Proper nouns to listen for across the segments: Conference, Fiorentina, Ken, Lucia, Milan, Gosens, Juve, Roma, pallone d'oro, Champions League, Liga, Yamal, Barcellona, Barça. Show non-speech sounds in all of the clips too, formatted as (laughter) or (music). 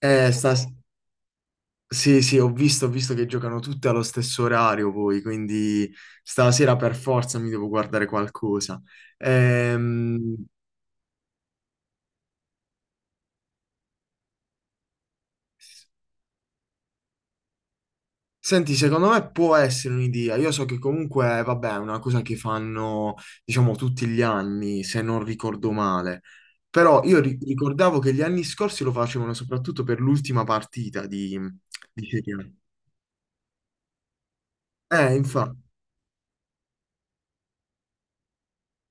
Eh, sta... Sì, sì, ho visto che giocano tutte allo stesso orario poi, quindi stasera per forza mi devo guardare qualcosa. Ehm, Senti, secondo me può essere un'idea. Io so che comunque, vabbè, è una cosa che fanno, diciamo, tutti gli anni, se non ricordo male. Però io ricordavo che gli anni scorsi lo facevano soprattutto per l'ultima partita di Serie A. Infatti.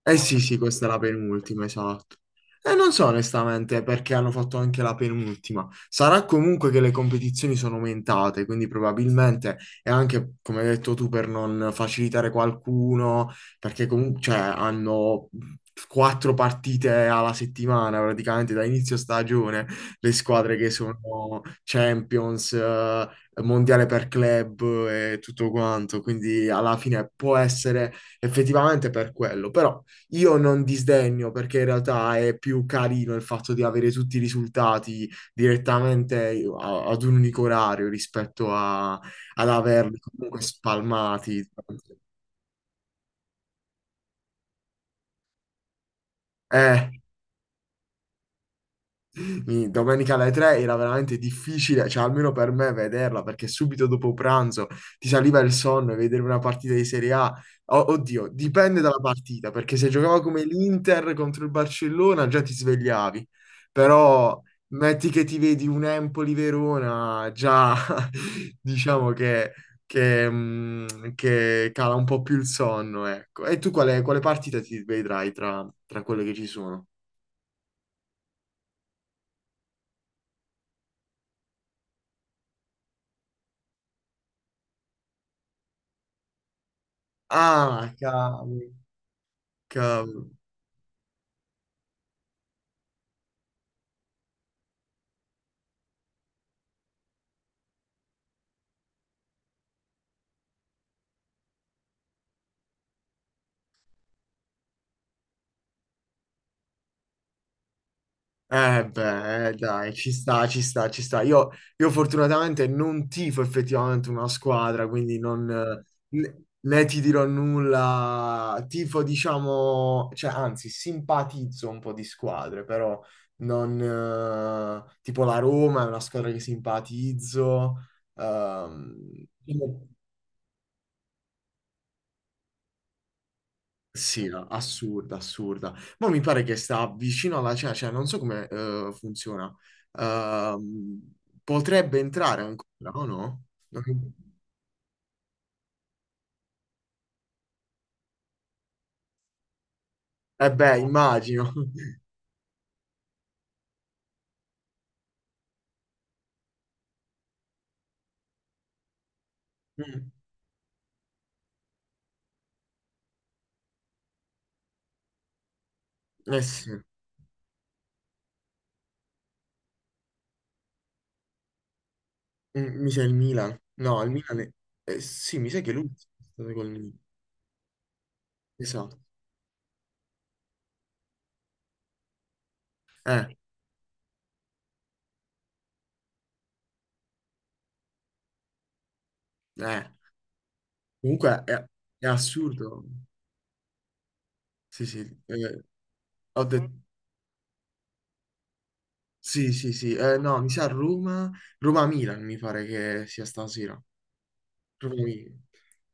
Eh sì, sì, questa è la penultima, esatto. E non so onestamente perché hanno fatto anche la penultima. Sarà comunque che le competizioni sono aumentate, quindi probabilmente è anche, come hai detto tu, per non facilitare qualcuno, perché comunque cioè, hanno quattro partite alla settimana, praticamente da inizio stagione, le squadre che sono Champions, Mondiale per club e tutto quanto, quindi alla fine può essere effettivamente per quello, però... Io non disdegno perché in realtà è più carino il fatto di avere tutti i risultati direttamente ad un unico orario rispetto ad averli comunque spalmati. Eh, Domenica alle 3 era veramente difficile, cioè almeno per me vederla, perché subito dopo pranzo ti saliva il sonno e vedere una partita di Serie A. Oddio, dipende dalla partita, perché se giocava come l'Inter contro il Barcellona già ti svegliavi, però metti che ti vedi un Empoli-Verona, già (laughs) diciamo che cala un po' più il sonno, ecco. E tu quale, quale partita ti vedrai tra, tra quelle che ci sono? Ah, cavolo. Cavolo. Eh beh, dai, ci sta, ci sta, ci sta. Io fortunatamente non tifo effettivamente una squadra, quindi non, né, né ti dirò nulla. Tifo, diciamo, cioè, anzi, simpatizzo un po' di squadre, però non... tipo la Roma è una squadra che simpatizzo. ehm, Sì, no, assurda, assurda. Ma mi pare che sta vicino alla cena, cioè non so come funziona. Ehm, potrebbe entrare ancora, o no? Eh beh, immagino. (laughs) Mm. Eh sì. Mm, mi sa il Milan. No, il Milan è... sì, mi sa che lui è stato col Milan. Esatto. Eh, eh. Comunque è assurdo. Sì, sì. Eh, ho detto... Sì, sì, sì. No, mi sa Roma... Roma-Milan mi pare che sia stasera. Proprio mi-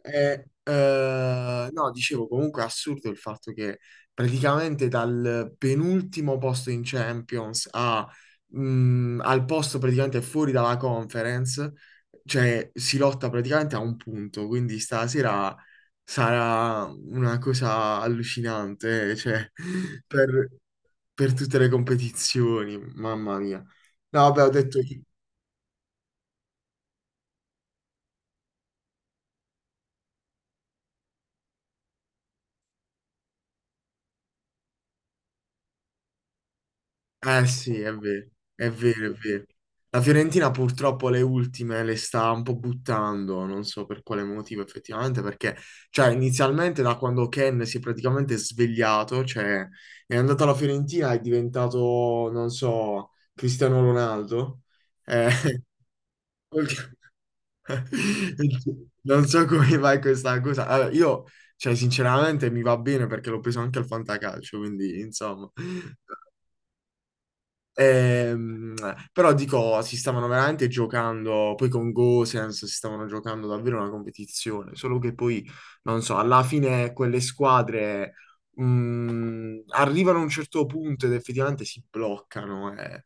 No, dicevo comunque è assurdo il fatto che praticamente dal penultimo posto in Champions a, al posto praticamente fuori dalla conference, cioè si lotta praticamente a un punto, quindi stasera sarà una cosa allucinante, (laughs) cioè, per, per tutte le competizioni, mamma mia. No, vabbè, ho detto, eh sì, è vero, è vero, è vero. La Fiorentina purtroppo le ultime le sta un po' buttando, non so per quale motivo effettivamente, perché cioè, inizialmente da quando Ken si è praticamente svegliato, cioè è andato alla Fiorentina, è diventato, non so, Cristiano Ronaldo. Eh, (laughs) quel- non so come vai questa cosa. Allora, io, cioè, sinceramente mi va bene perché l'ho preso anche al fantacalcio, quindi insomma. Ehm, però dico, si stavano veramente giocando, poi con Gosens si stavano giocando davvero una competizione, solo che poi, non so, alla fine quelle squadre arrivano a un certo punto ed effettivamente si bloccano,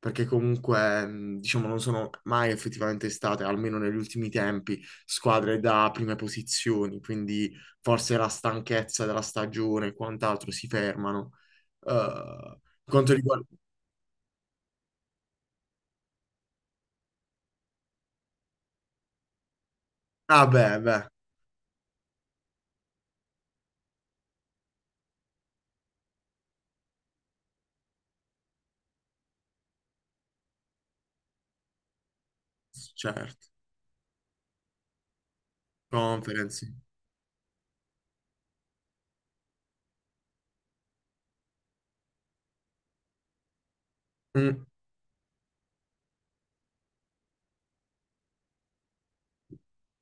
perché comunque, diciamo, non sono mai effettivamente state, almeno negli ultimi tempi, squadre da prime posizioni, quindi forse la stanchezza della stagione e quant'altro si fermano. Quanto riguarda... Ah beh, beh, certo, conference. Sì. Mm.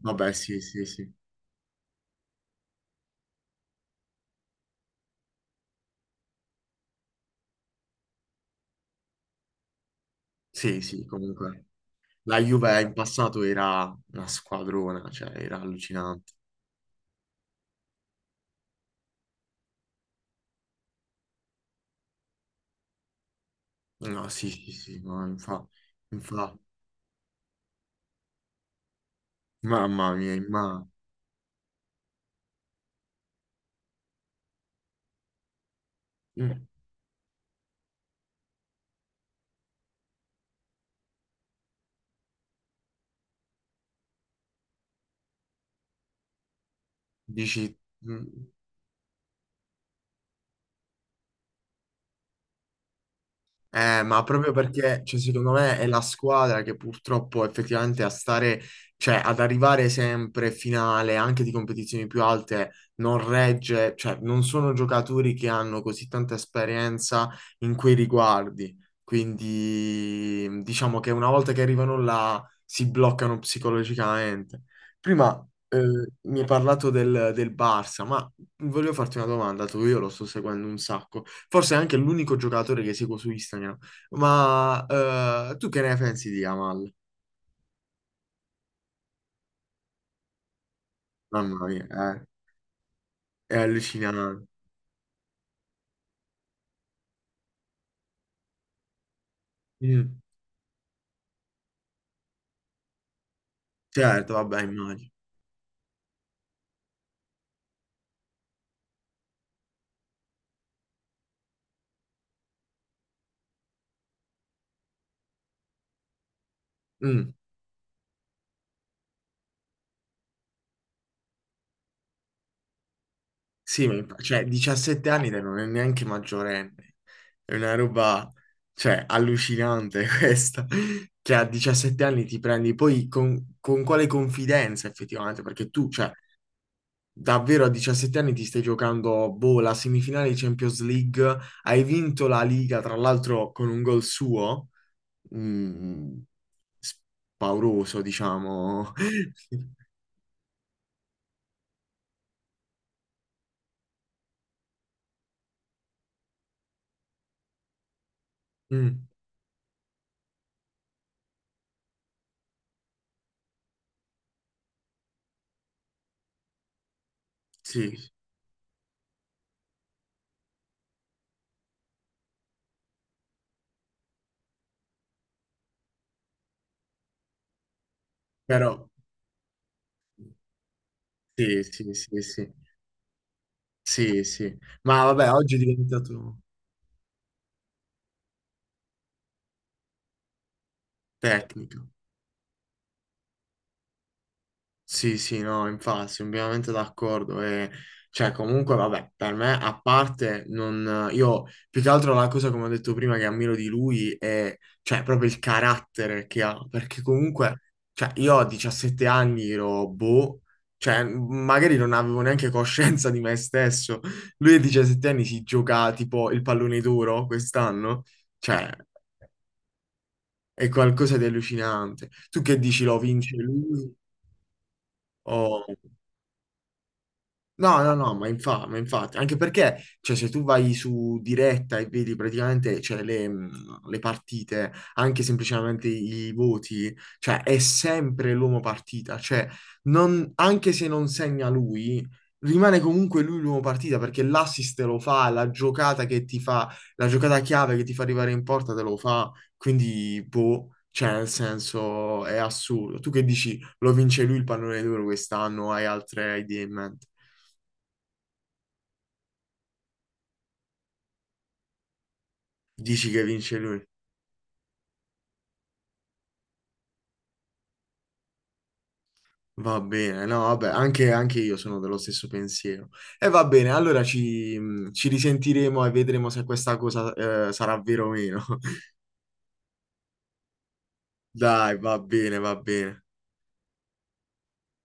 Vabbè, sì, sì, sì. Sì, sì, comunque. La Juve in passato era una squadrona, cioè era allucinante. No, sì, sì, sì, ma infa, mamma mia, ma mm, dici, mm, eh, ma proprio perché, cioè, secondo me è la squadra che purtroppo effettivamente a stare, cioè ad arrivare sempre finale anche di competizioni più alte non regge, cioè non sono giocatori che hanno così tanta esperienza in quei riguardi. Quindi mm, diciamo che una volta che arrivano là si bloccano psicologicamente. Prima mi hai parlato del, del Barça, ma volevo farti una domanda, tu io lo sto seguendo un sacco, forse è anche l'unico giocatore che seguo su Instagram, ma tu che ne pensi di Yamal? Mamma mia, è allucinante. Mm, certo, vabbè, immagino. Mm, sì, ma cioè, 17 anni te non è neanche maggiorenne, è una roba, cioè, allucinante (laughs) questa, che a 17 anni ti prendi, poi con quale confidenza effettivamente, perché tu, cioè, davvero a 17 anni ti stai giocando, boh, la semifinale di Champions League, hai vinto la Liga, tra l'altro con un gol suo, mm, pauroso, diciamo. (laughs) Mm, sì, però sì, sì, sì, sì, sì, sì. Ma vabbè, oggi è diventato tecnico. Sì, sì, no, infatti, sono pienamente d'accordo. E, cioè, comunque, vabbè, per me, a parte, non, io più che altro la cosa, come ho detto prima, che ammiro di lui è, cioè, proprio il carattere che ha. Perché comunque, cioè, io a 17 anni ero boh, cioè, magari non avevo neanche coscienza di me stesso. Lui a 17 anni si gioca tipo il pallone d'oro quest'anno. Cioè, è qualcosa di allucinante. Tu che dici, lo vince lui? O... no, no, no, ma infatti, anche perché, cioè, se tu vai su diretta e vedi praticamente, cioè, le partite, anche semplicemente i voti, cioè, è sempre l'uomo partita, cioè, anche se non segna lui, rimane comunque lui l'uomo partita, perché l'assist te lo fa, la giocata che ti fa, la giocata chiave che ti fa arrivare in porta te lo fa, quindi, boh, cioè, nel senso, è assurdo. Tu che dici, lo vince lui il pallone d'oro quest'anno, hai altre idee in mente? Dici che vince lui? Va bene, no, vabbè, anche, anche io sono dello stesso pensiero. E va bene, allora ci, ci risentiremo e vedremo se questa cosa, sarà vera o meno. (laughs) Dai, va bene, va bene.